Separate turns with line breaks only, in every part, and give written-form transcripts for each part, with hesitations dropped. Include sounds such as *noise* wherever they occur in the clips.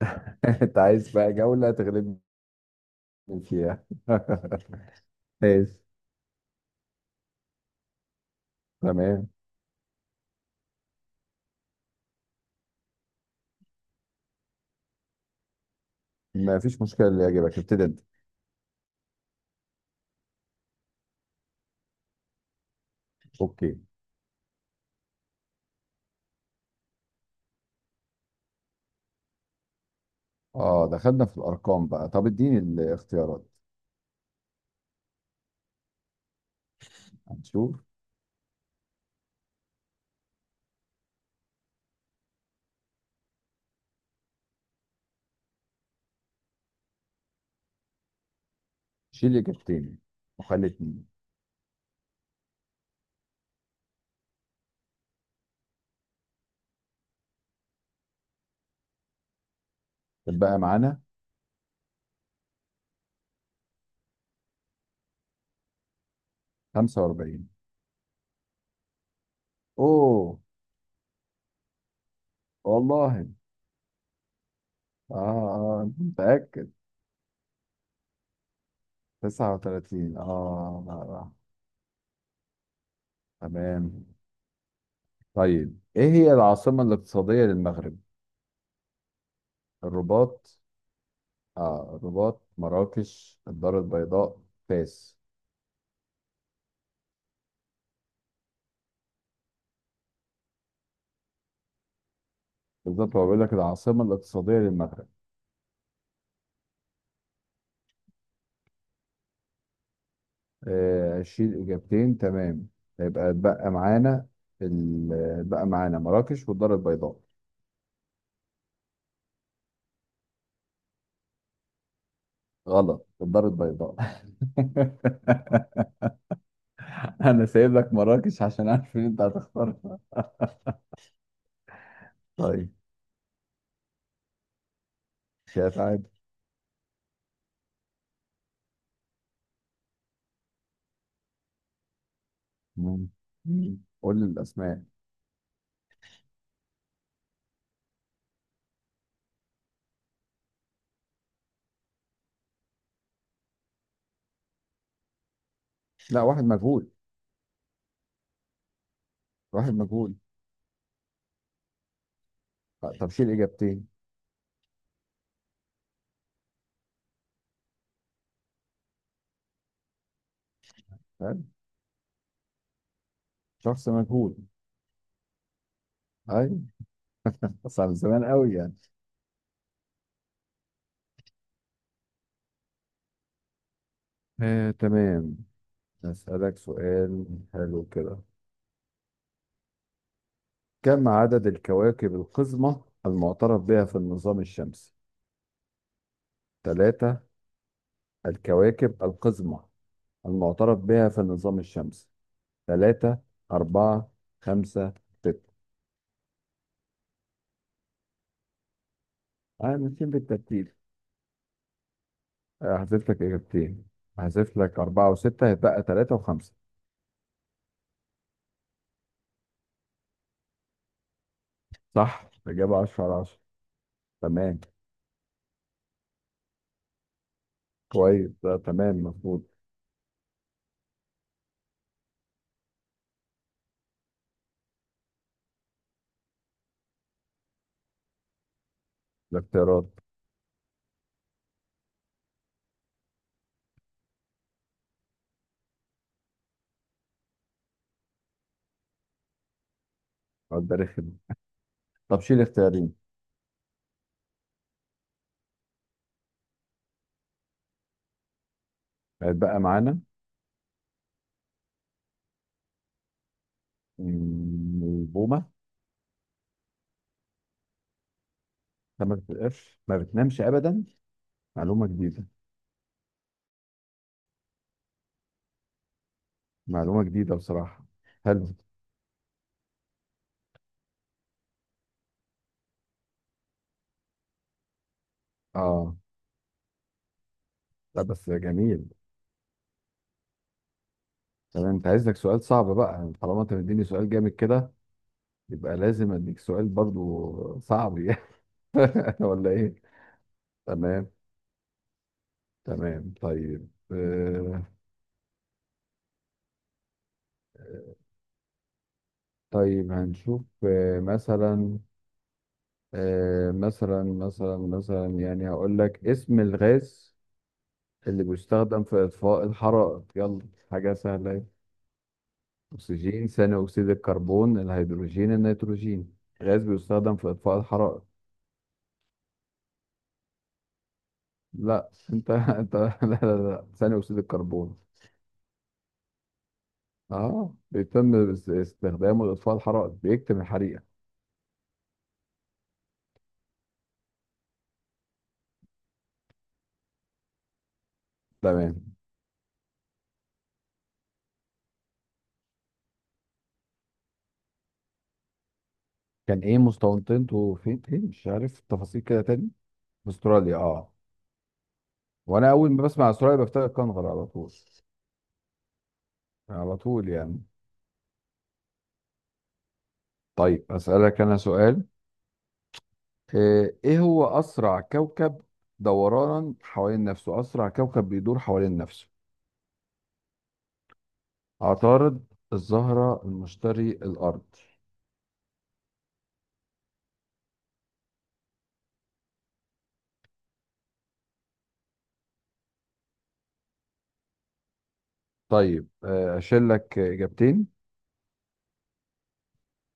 *laughs* انت عايز بقى جولة تغلبني فيها. *laughs* ماشي. تمام. ما فيش مشكلة، اللي يعجبك ابتدي انت. اوكي. اه، دخلنا في الارقام بقى. طب اديني الاختيارات. هنشوف. شيل اجابتين وخلي اتنين. يبقى معانا 45. اوه. والله. اه اه، انت متأكد؟ 39؟ اه لا لا. تمام. طيب، ايه هي العاصمة الاقتصادية للمغرب؟ الرباط؟ آه، الرباط، مراكش، الدار البيضاء، فاس. بالظبط، هو بيقول لك العاصمة الاقتصادية للمغرب. آه، شيل إجابتين. تمام. يبقى ال- اتبقى معانا مراكش والدار البيضاء. غلط، الدار البيضاء. *laughs* أنا سايب لك مراكش عشان عارف إن أنت هتختارها. طيب. شايف عادي. مم. قول لي الأسماء. لا، واحد مجهول. واحد مجهول. طب شيل إجابتين. فاهم؟ شخص مجهول. أيوة. بس على زمان قوي يعني. آه، تمام. أسألك سؤال. حلو كده. كم عدد الكواكب القزمة المعترف بها في النظام الشمسي؟ ثلاثة، الكواكب القزمة المعترف بها في النظام الشمسي. ثلاثة، أربعة، خمسة، ستة. أنا ماشيين بالترتيب. آه، هحذف لك إجابتين. هحذف لك أربعة وستة، هيتبقى ثلاثة وخمسة. صح، إجابة 10/10. تمام. كويس، ده تمام مفروض. الاختيارات. السؤال ده رخم. طب شيل اختيارين. هيتبقى معانا. البومة. ما بتبقاش، ما بتنامش أبدا؟ معلومة جديدة. معلومة جديدة بصراحة. حلو. اه، لا بس جميل. تمام، انت عايز لك سؤال صعب بقى، يعني طالما انت مديني سؤال جامد كده يبقى لازم اديك سؤال برضو صعب. *laughs* يعني ولا ايه. تمام تمام. طيب هنشوف مثلا آه مثلا مثلا مثلا يعني هقول لك اسم الغاز اللي بيستخدم في إطفاء الحرائق. يلا، حاجة سهلة. أكسجين، ثاني أكسيد الكربون، الهيدروجين، النيتروجين. غاز بيستخدم في إطفاء الحرائق. لا أنت *laughs* أنت لا لا لا، ثاني أكسيد الكربون. أه، بيتم استخدامه لإطفاء الحرائق، بيكتم الحريقة. تمام. كان إيه مستوطنته فين، مش عارف التفاصيل كده تاني. في أستراليا، أه. وأنا أول ما بسمع أستراليا بفتكر كنغر على طول. على طول يعني. طيب أسألك أنا سؤال. آه، ايه هو اسرع كوكب دورانا حوالين نفسه؟ اسرع كوكب بيدور حوالين نفسه. عطارد، الزهرة، المشتري، الارض. طيب آه، اشيل لك اجابتين.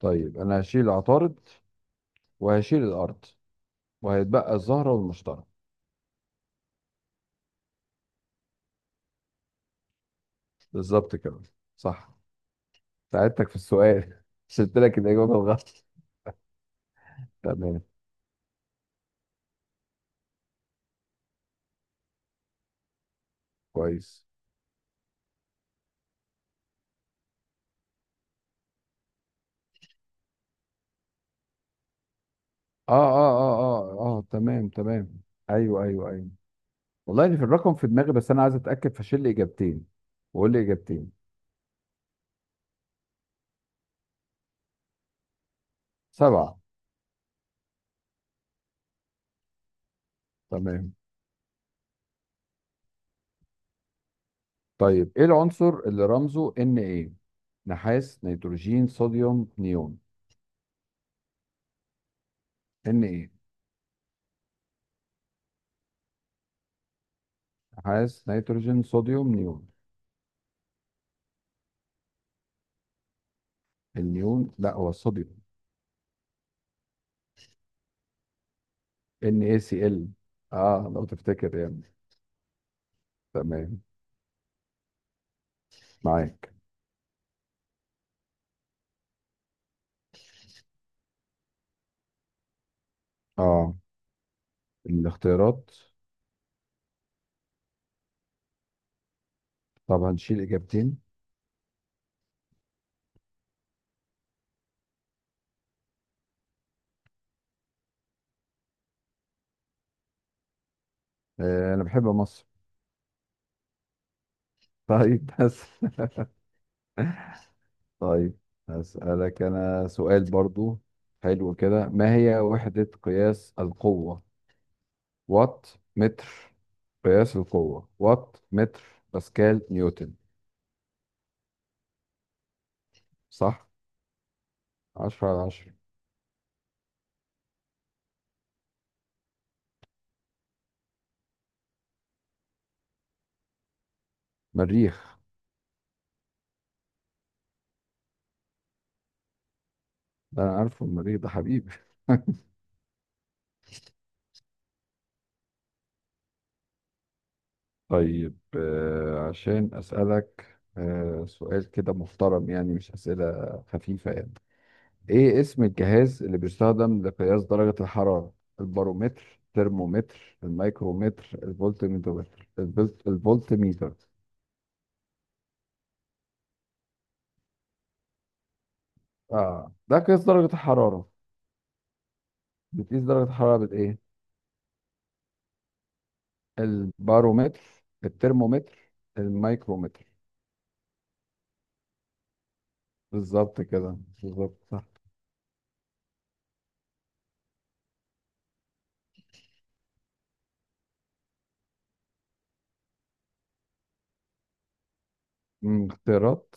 طيب انا هشيل عطارد وهشيل الارض، وهيتبقى الزهرة والمشتري. بالظبط كده، صح. ساعدتك في السؤال. *laughs* شلت لك الاجابة الغلط. تمام. كويس. اه اه اه اه اه، تمام تمام. ايوه ايوه ايوه. والله إن في الرقم في دماغي، بس انا عايز اتاكد، فشيل لي اجابتين وقول لي اجابتين. سبعه. تمام. طيب ايه العنصر اللي رمزه ان ايه؟ نحاس، نيتروجين، صوديوم، نيون. ان ايه، نحاس، نيتروجين، صوديوم، نيون. النيون لا، هو الصوديوم. ان، اي، سي، ال. اه لو تفتكر يعني. تمام. معاك. اه، الاختيارات. طب هنشيل اجابتين. آه، انا بحب مصر. طيب بس. *laughs* طيب هسألك أنا سؤال برضو، حلو كده. ما هي وحدة قياس القوة؟ وات، متر. قياس القوة، وات، متر، باسكال، نيوتن. صح، 10/10. مريخ. ده أنا عارفه، المريخ ده حبيبي. *laughs* طيب عشان أسألك سؤال كده محترم يعني، مش أسئلة خفيفة يعني. ايه اسم الجهاز اللي بيستخدم لقياس درجة الحرارة؟ البارومتر، ترمومتر، الميكرومتر، الفولتميتر. الفولتميتر. اه، ده قياس درجة الحرارة؟ بتقيس درجة الحرارة بالايه. البارومتر، الترمومتر، الميكرومتر. بالظبط كده، بالظبط، صح. اختيارات.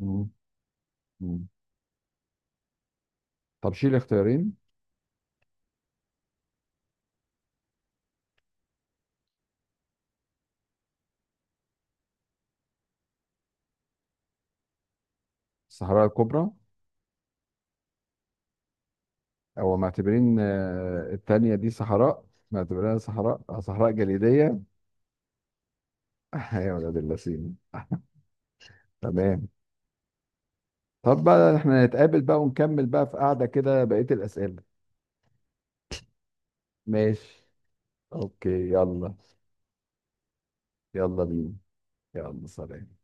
مم، مم. طب شيل اختيارين. الصحراء الكبرى. او معتبرين التانية دي صحراء؟ معتبرينها صحراء جليدية. يا ولاد اللذين. تمام. طب بقى احنا نتقابل بقى ونكمل بقى في قعدة كده بقية الأسئلة. ماشي. اوكي يلا. يلا بينا. يلا سلام.